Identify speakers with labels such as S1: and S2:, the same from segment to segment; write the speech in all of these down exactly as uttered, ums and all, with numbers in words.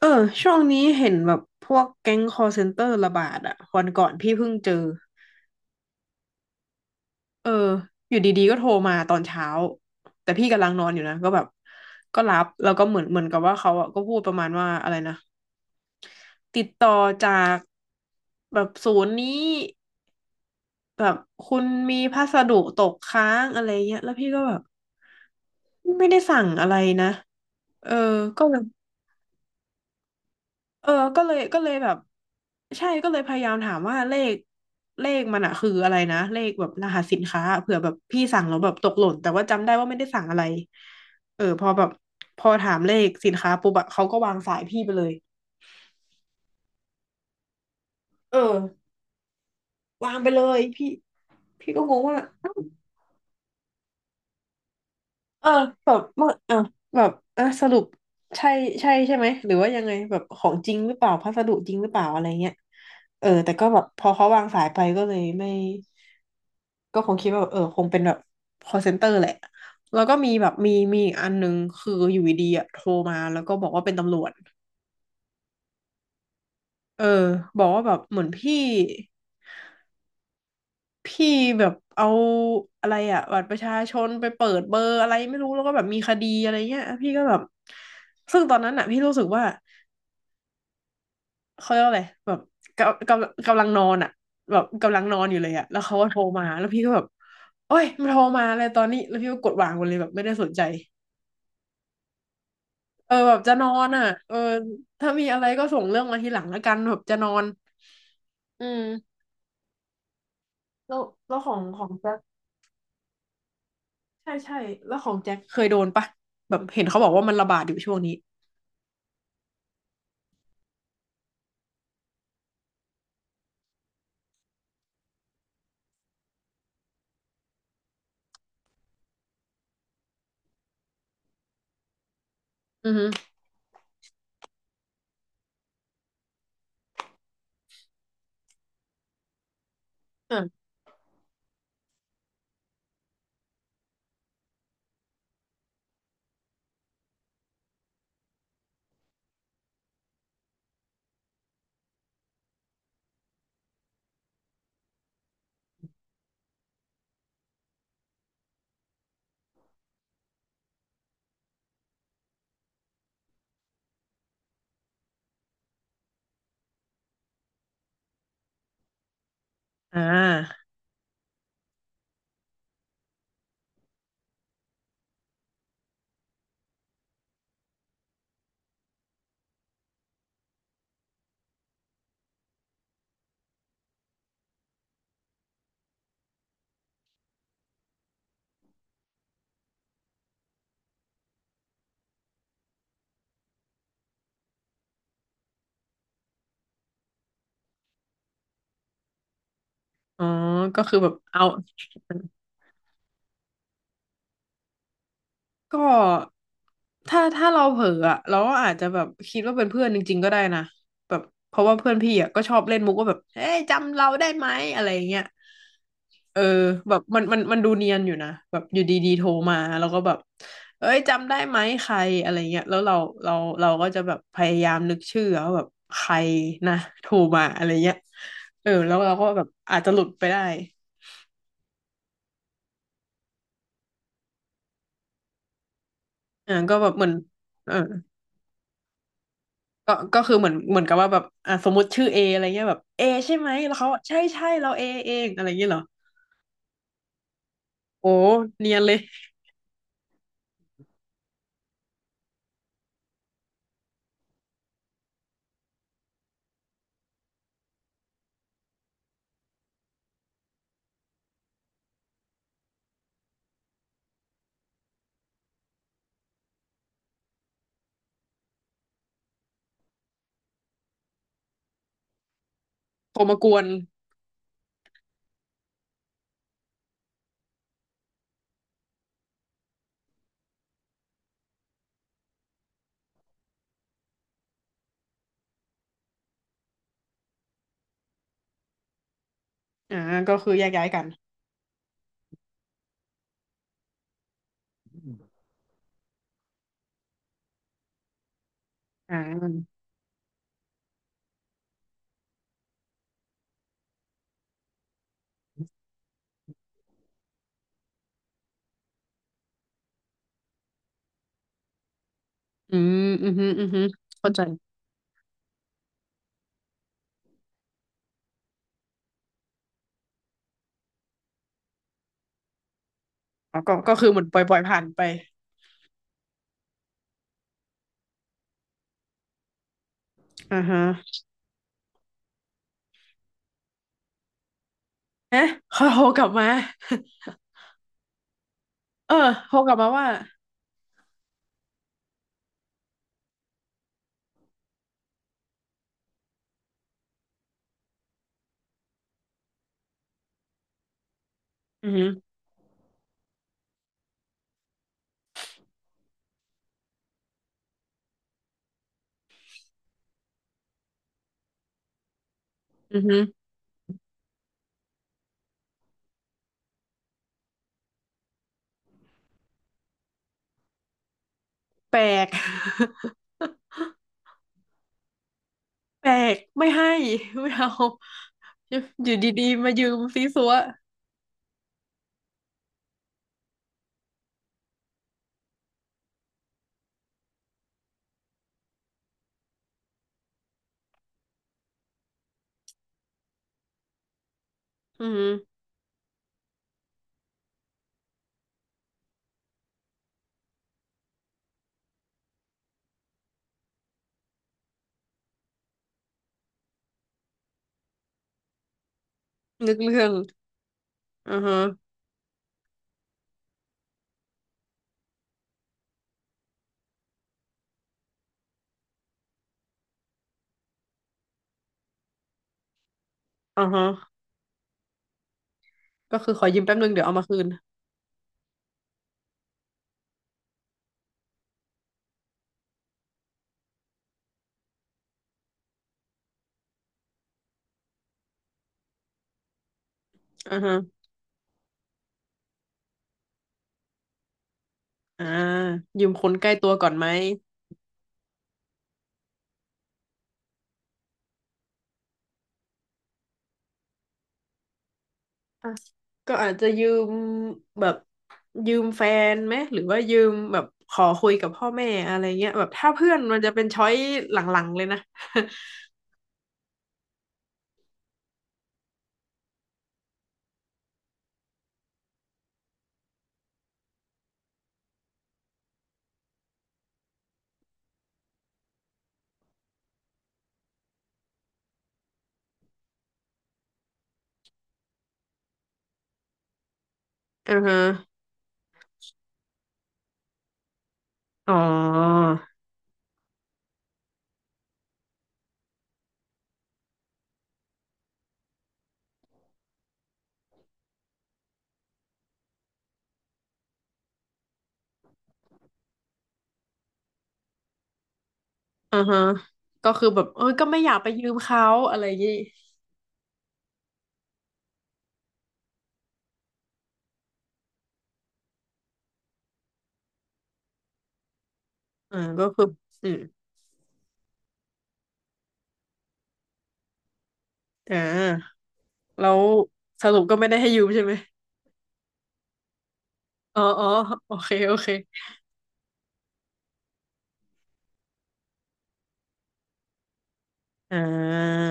S1: เออช่วงนี้เห็นแบบพวกแก๊งคอลเซ็นเตอร์ระบาดอะวันก่อนพี่เพิ่งเจอเอออยู่ดีๆก็โทรมาตอนเช้าแต่พี่กำลังนอนอยู่นะก็แบบก็รับแล้วก็เหมือนเหมือนกับว่าเขาอะก็พูดประมาณว่าอะไรนะติดต่อจากแบบศูนย์นี้แบบคุณมีพัสดุตกค้างอะไรเงี้ยแล้วพี่ก็แบบไม่ได้สั่งอะไรนะเออก็เลย เออก็เลยก็เลยแบบใช่ก็เลยพยายามถามว่าเลขเลขมันอะคืออะไรนะเลขแบบรหัสสินค้าเผื่อแบบพี่สั่งแล้วแบบตกหล่นแต่ว่าจำได้ว่าไม่ได้สั่งอะไรเออพอแบบพอถามเลขสินค้าปุ๊บอะเขาก็วางสายพี่ไปเลยเออวางไปเลยพี่พี่ก็งงว่าเอ้าเออแบบเมื่อเออแบบเออสรุปใช่ใช่ใช่ไหมหรือว่ายังไงแบบของจริงหรือเปล่าพัสดุจริงหรือเปล่าอะไรเงี้ยเออแต่ก็แบบพอเขาวางสายไปก็เลยไม่ ก็คงคิดว่าแบบเออคงเป็นแบบ call center แหละแล้วก็มีแบบมีมีอีกอันหนึงคืออยู่ดีๆอะโทรมาแล้วก็บอกว่าเป็นตำรวจเออบอกว่าแบบเหมือนพี่พี่แบบเอาอะไรอะบัตรประชาชนไปเปิดเบอร์อะไรไม่รู้แล้วก็แบบมีคดีอะไรเงี้ยพี่ก็แบบซึ่งตอนนั้นอะพี่รู้สึกว่าเขาเรียกว่าอะไรแบบกำกำกำลังนอนอะแบบกำลังนอนอยู่เลยอะแล้วเขาก็โทรมาแล้วพี่ก็แบบโอ้ยมันโทรมาอะไรตอนนี้แล้วพี่ก็กดวางไปเลยแบบไม่ได้สนใจ เออแบบจะนอนอ่ะเออถ้ามีอะไรก็ส่งเรื่องมาทีหลังแล้วกันแบบจะนอนอืมแล้วแล้วของของแจ็คใช่ใช่แล้วของแจ็คเคยโดนปะแบบเห็นเขาบอกว่ามันระบาดอยู่ช่วงนี้อือฮึอ่าอ่าอ๋อก็คือแบบเอาก็ถ้าถ้าเราเผลออะเราก็อาจจะแบบคิดว่าเป็นเพื่อนจริงๆก็ได้นะแบบเพราะว่าเพื่อนพี่อ่ะก็ชอบเล่นมุกว่าแบบเฮ้ยจำเราได้ไหมอะไรอย่างเงี้ย เออแบบมันมันมันดูเนียนอยู่นะแบบอยู่ดีๆโทรมาแล้วก็แบบเอ้ยจำได้ไหมใครอะไรเงี้ยแล้วเราเราเราก็จะแบบพยายามนึกชื่อว่าแบบใครนะโทรมาอะไรเงี้ยเออแล้วเราก็แบบอาจจะหลุดไปได้อ่าก็แบบเหมือนเออก็ก็คือเหมือนเหมือนกับว่าแบบอ่ะสมมติชื่อเออะไรเงี้ยแบบเอใช่ไหมแล้วเขาใช่ใช่เราเอเองอะไรเงี้ยเหรอโอ้เนียนเลยโทรมากวนอ่าก็คือแยกย้ายกันอ่าอืมอืมอหืมออือหือเข้าใจ อ๋อก็ก็คือเหมือนปล่อยๆผ่านไปอ่าฮะเอ๊ะเขาโทรกลับมา เออโทรกลับมาว่าอือหืออือหือแปลก แปลกไม่ให้ไม่เอาอยู่อยู่ดีๆมายืมซีซัวอือฮึนึกเรื่องอือฮะอือฮะก็คือขอยืมแป๊บนึงเดี๋ยวเอามาคืนอือฮะอ่ายืมคนใกล้ตัวก่อนไหม อ่ะก็อาจจะยืมแบบยืมแฟนไหมหรือว่ายืมแบบขอคุยกับพ่อแม่อะไรเงี้ยแบบถ้าเพื่อนมันจะเป็นช้อยหลังๆเลยนะ อือฮะอ๋ออือฮะก็คือแบบเออก็ไม่อยากไปยืมเขาอะไรอย่างงี้อ่าก็คืออืมอ่าแล้วสรุปก็ไม่ได้ให้ยืมใช่ไหมอ๋ออ๋อโอเคโอเคอ่า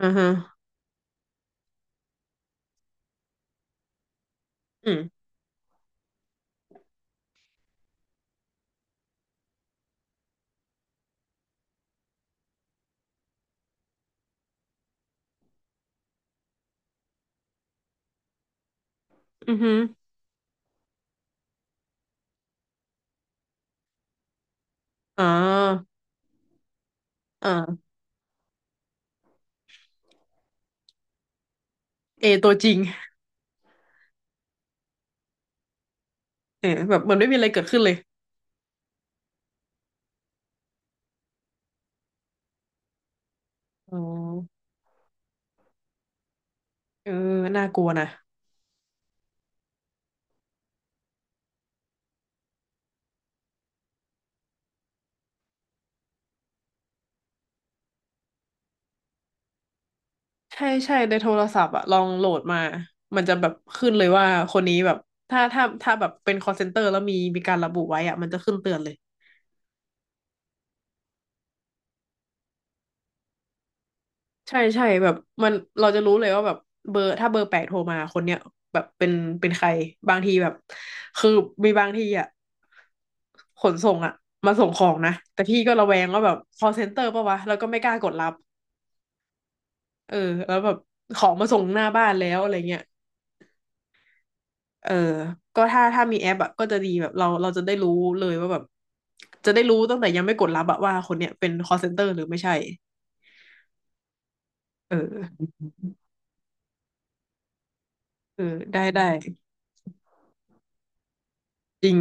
S1: อือฮะอืมอือฮึอ๋ออ่าเอตัวจริงเออแบบเหมันไม่มีอะไรเกิดขึ้นเลย อ๋อเออน่ากลัวนะใช่ใช่ในโทรศัพท์อะลองโหลดมามันจะแบบขึ้นเลยว่าคนนี้แบบถ้าถ้าถ้าแบบเป็น call center แล้วมีมีการระบุไว้อะมันจะขึ้นเตือนเลยใช่ใช่แบบมันเราจะรู้เลยว่าแบบเบอร์ถ้าเบอร์แปลกโทรมาคนเนี้ยแบบเป็นเป็นใครบางทีแบบคือมีบางทีอะขนส่งอะมาส่งของนะแต่พี่ก็ระแวงว่าแบบ call center ปะวะแล้วก็ไม่กล้ากดรับเออแล้วแบบของมาส่งหน้าบ้านแล้วอะไรเงี้ย เออก็ถ้าถ้ามีแอปอะก็จะดีแบบเราเราจะได้รู้เลยว่าแบบจะได้รู้ตั้งแต่ยังไม่กดรับอะว่าคนเนี้ยเป็น call center หรือไม่ใช่เออเออได้ได้จริง